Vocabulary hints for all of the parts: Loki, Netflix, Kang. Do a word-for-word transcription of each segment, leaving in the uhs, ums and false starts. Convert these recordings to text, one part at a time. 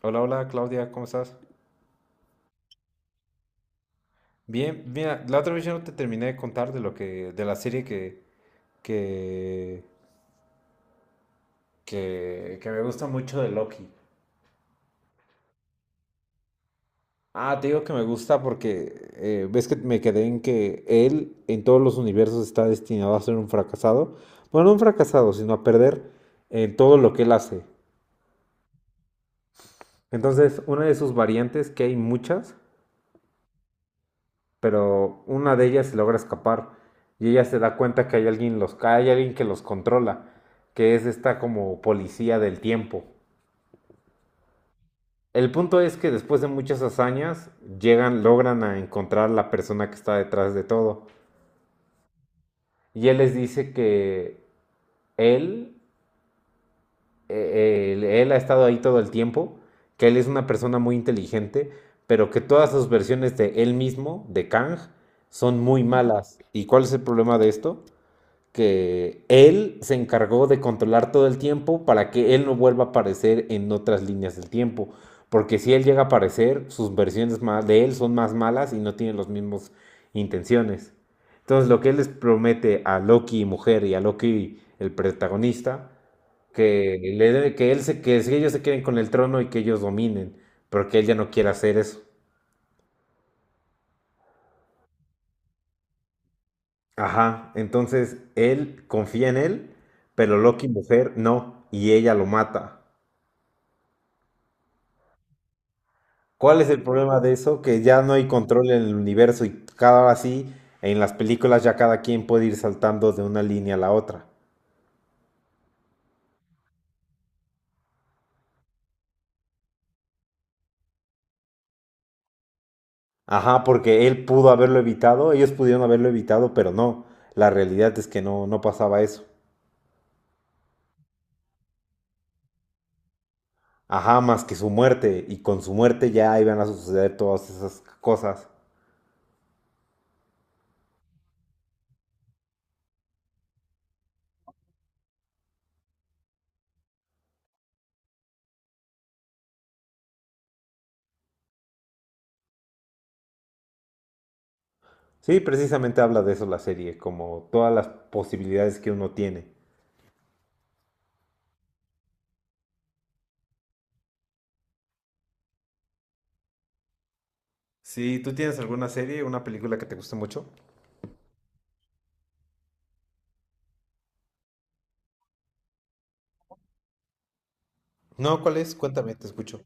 Hola, hola Claudia, ¿cómo estás? Bien, mira, la otra vez yo no te terminé de contar de lo que, de la serie que, que, que, que me gusta mucho de Loki. Ah, te digo que me gusta porque eh, ves que me quedé en que él en todos los universos está destinado a ser un fracasado. Bueno, no un fracasado, sino a perder en todo lo que él hace. Entonces, una de sus variantes, que hay muchas, pero una de ellas logra escapar y ella se da cuenta que hay alguien, los, hay alguien que los controla, que es esta como policía del tiempo. El punto es que después de muchas hazañas llegan, logran a encontrar la persona que está detrás de todo. Y él les dice que él, él, él ha estado ahí todo el tiempo, que él es una persona muy inteligente, pero que todas sus versiones de él mismo, de Kang, son muy malas. ¿Y cuál es el problema de esto? Que él se encargó de controlar todo el tiempo para que él no vuelva a aparecer en otras líneas del tiempo. Porque si él llega a aparecer, sus versiones de él son más malas y no tienen las mismas intenciones. Entonces lo que él les promete a Loki mujer y a Loki el protagonista, que, le dé- que, él se, que si ellos se queden con el trono y que ellos dominen, pero que él ya no quiere hacer eso. Ajá, entonces él confía en él, pero Loki mujer no, y ella lo mata. ¿Cuál es el problema de eso? Que ya no hay control en el universo y cada vez sí, en las películas ya cada quien puede ir saltando de una línea a la otra. Ajá, porque él pudo haberlo evitado, ellos pudieron haberlo evitado, pero no. La realidad es que no, no pasaba eso. Ajá, más que su muerte, y con su muerte ya iban a suceder todas esas cosas. Sí, precisamente habla de eso la serie, como todas las posibilidades que uno tiene. Sí, ¿tú tienes alguna serie, una película que te guste mucho? No, ¿cuál es? Cuéntame, te escucho.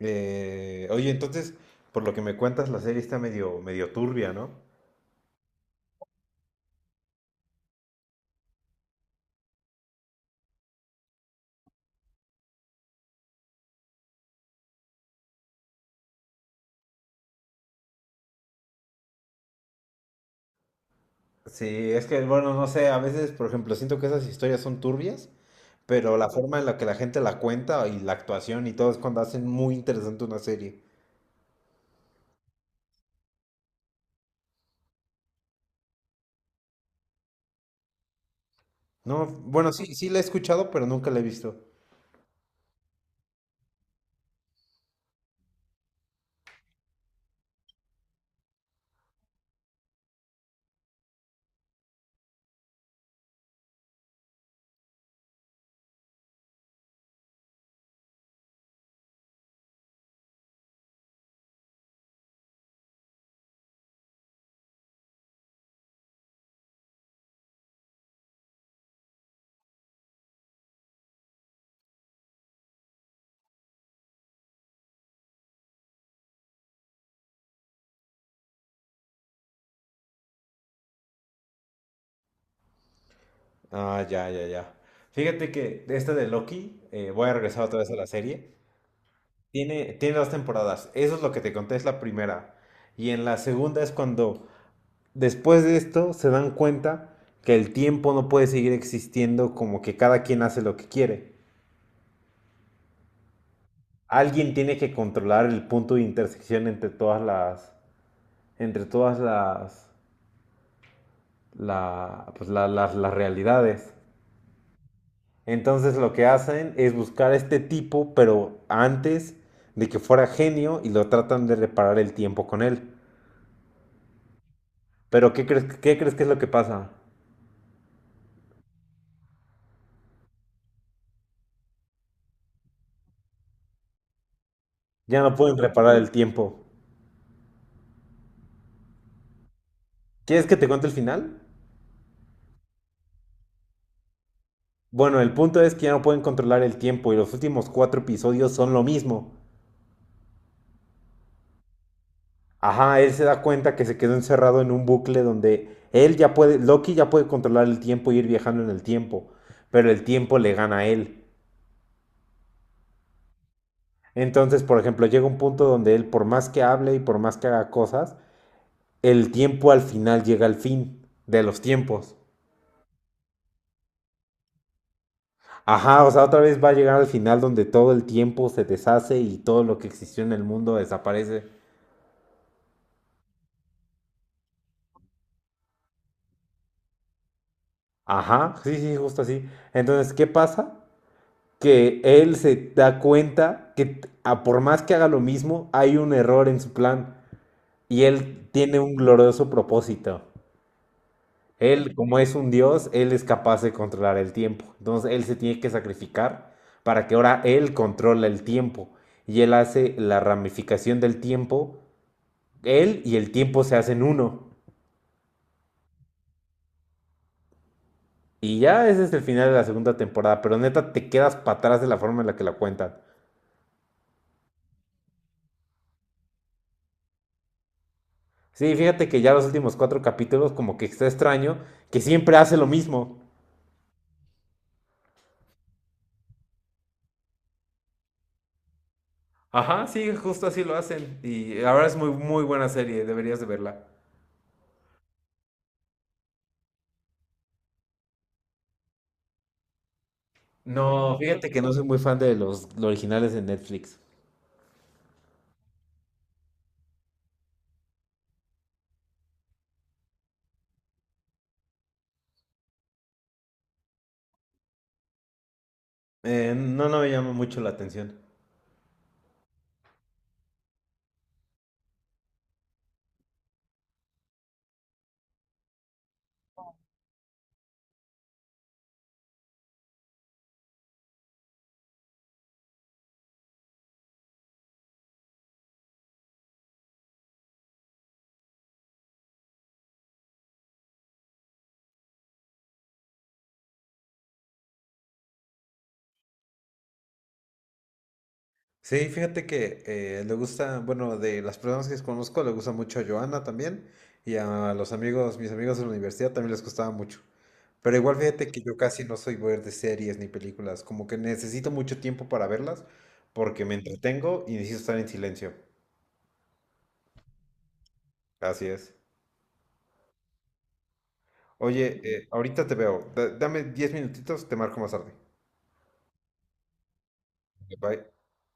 Eh, oye, entonces, por lo que me cuentas, la serie está medio, medio turbia, ¿no? Sí, es que, bueno, no sé, a veces, por ejemplo, siento que esas historias son turbias, pero la forma en la que la gente la cuenta y la actuación y todo es cuando hacen muy interesante una serie. No, bueno, sí, sí la he escuchado, pero nunca la he visto. Ah, ya, ya, ya. Fíjate que esta de Loki, eh, voy a regresar otra vez a la serie, tiene, tiene dos temporadas. Eso es lo que te conté, es la primera. Y en la segunda es cuando después de esto se dan cuenta que el tiempo no puede seguir existiendo como que cada quien hace lo que quiere. Alguien tiene que controlar el punto de intersección entre todas las, entre todas las, la- pues, la- las, las realidades. Entonces lo que hacen es buscar a este tipo, pero antes de que fuera genio y lo tratan de reparar el tiempo con él. Pero ¿qué crees, ¿qué crees que es lo que pasa? Ya no pueden reparar el tiempo. ¿Quieres que te cuente el final? Bueno, el punto es que ya no pueden controlar el tiempo y los últimos cuatro episodios son lo mismo. Ajá, él se da cuenta que se quedó encerrado en un bucle donde él ya puede, Loki ya puede controlar el tiempo y ir viajando en el tiempo, pero el tiempo le gana a él. Entonces, por ejemplo, llega un punto donde él, por más que hable y por más que haga cosas, el tiempo al final llega al fin de los tiempos. Ajá, o sea, otra vez va a llegar al final donde todo el tiempo se deshace y todo lo que existió en el mundo desaparece. Ajá, sí, sí, justo así. Entonces, ¿qué pasa? Que él se da cuenta que t- a por más que haga lo mismo, hay un error en su plan y él tiene un glorioso propósito. Él, como es un dios, él es capaz de controlar el tiempo. Entonces, él se tiene que sacrificar para que ahora él controle el tiempo y él hace la ramificación del tiempo. Él y el tiempo se hacen uno. Y ya ese es el final de la segunda temporada, pero neta te quedas para atrás de la forma en la que la cuentan. Sí, fíjate que ya los últimos cuatro capítulos como que está extraño, que siempre hace lo mismo. Ajá, sí, justo así lo hacen. Y la verdad es muy, muy buena serie, deberías de verla. No, fíjate que no soy muy fan de los, los originales de Netflix. Eh, no, no me llama mucho la atención. Sí, fíjate que eh, le gusta, bueno, de las personas que conozco, le gusta mucho a Joana también y a los amigos, mis amigos de la universidad también les gustaba mucho. Pero igual fíjate que yo casi no soy ver de series ni películas, como que necesito mucho tiempo para verlas porque me entretengo y necesito estar en silencio. Así es. Oye, eh, ahorita te veo. Da- dame diez minutitos, te marco más tarde. Bye.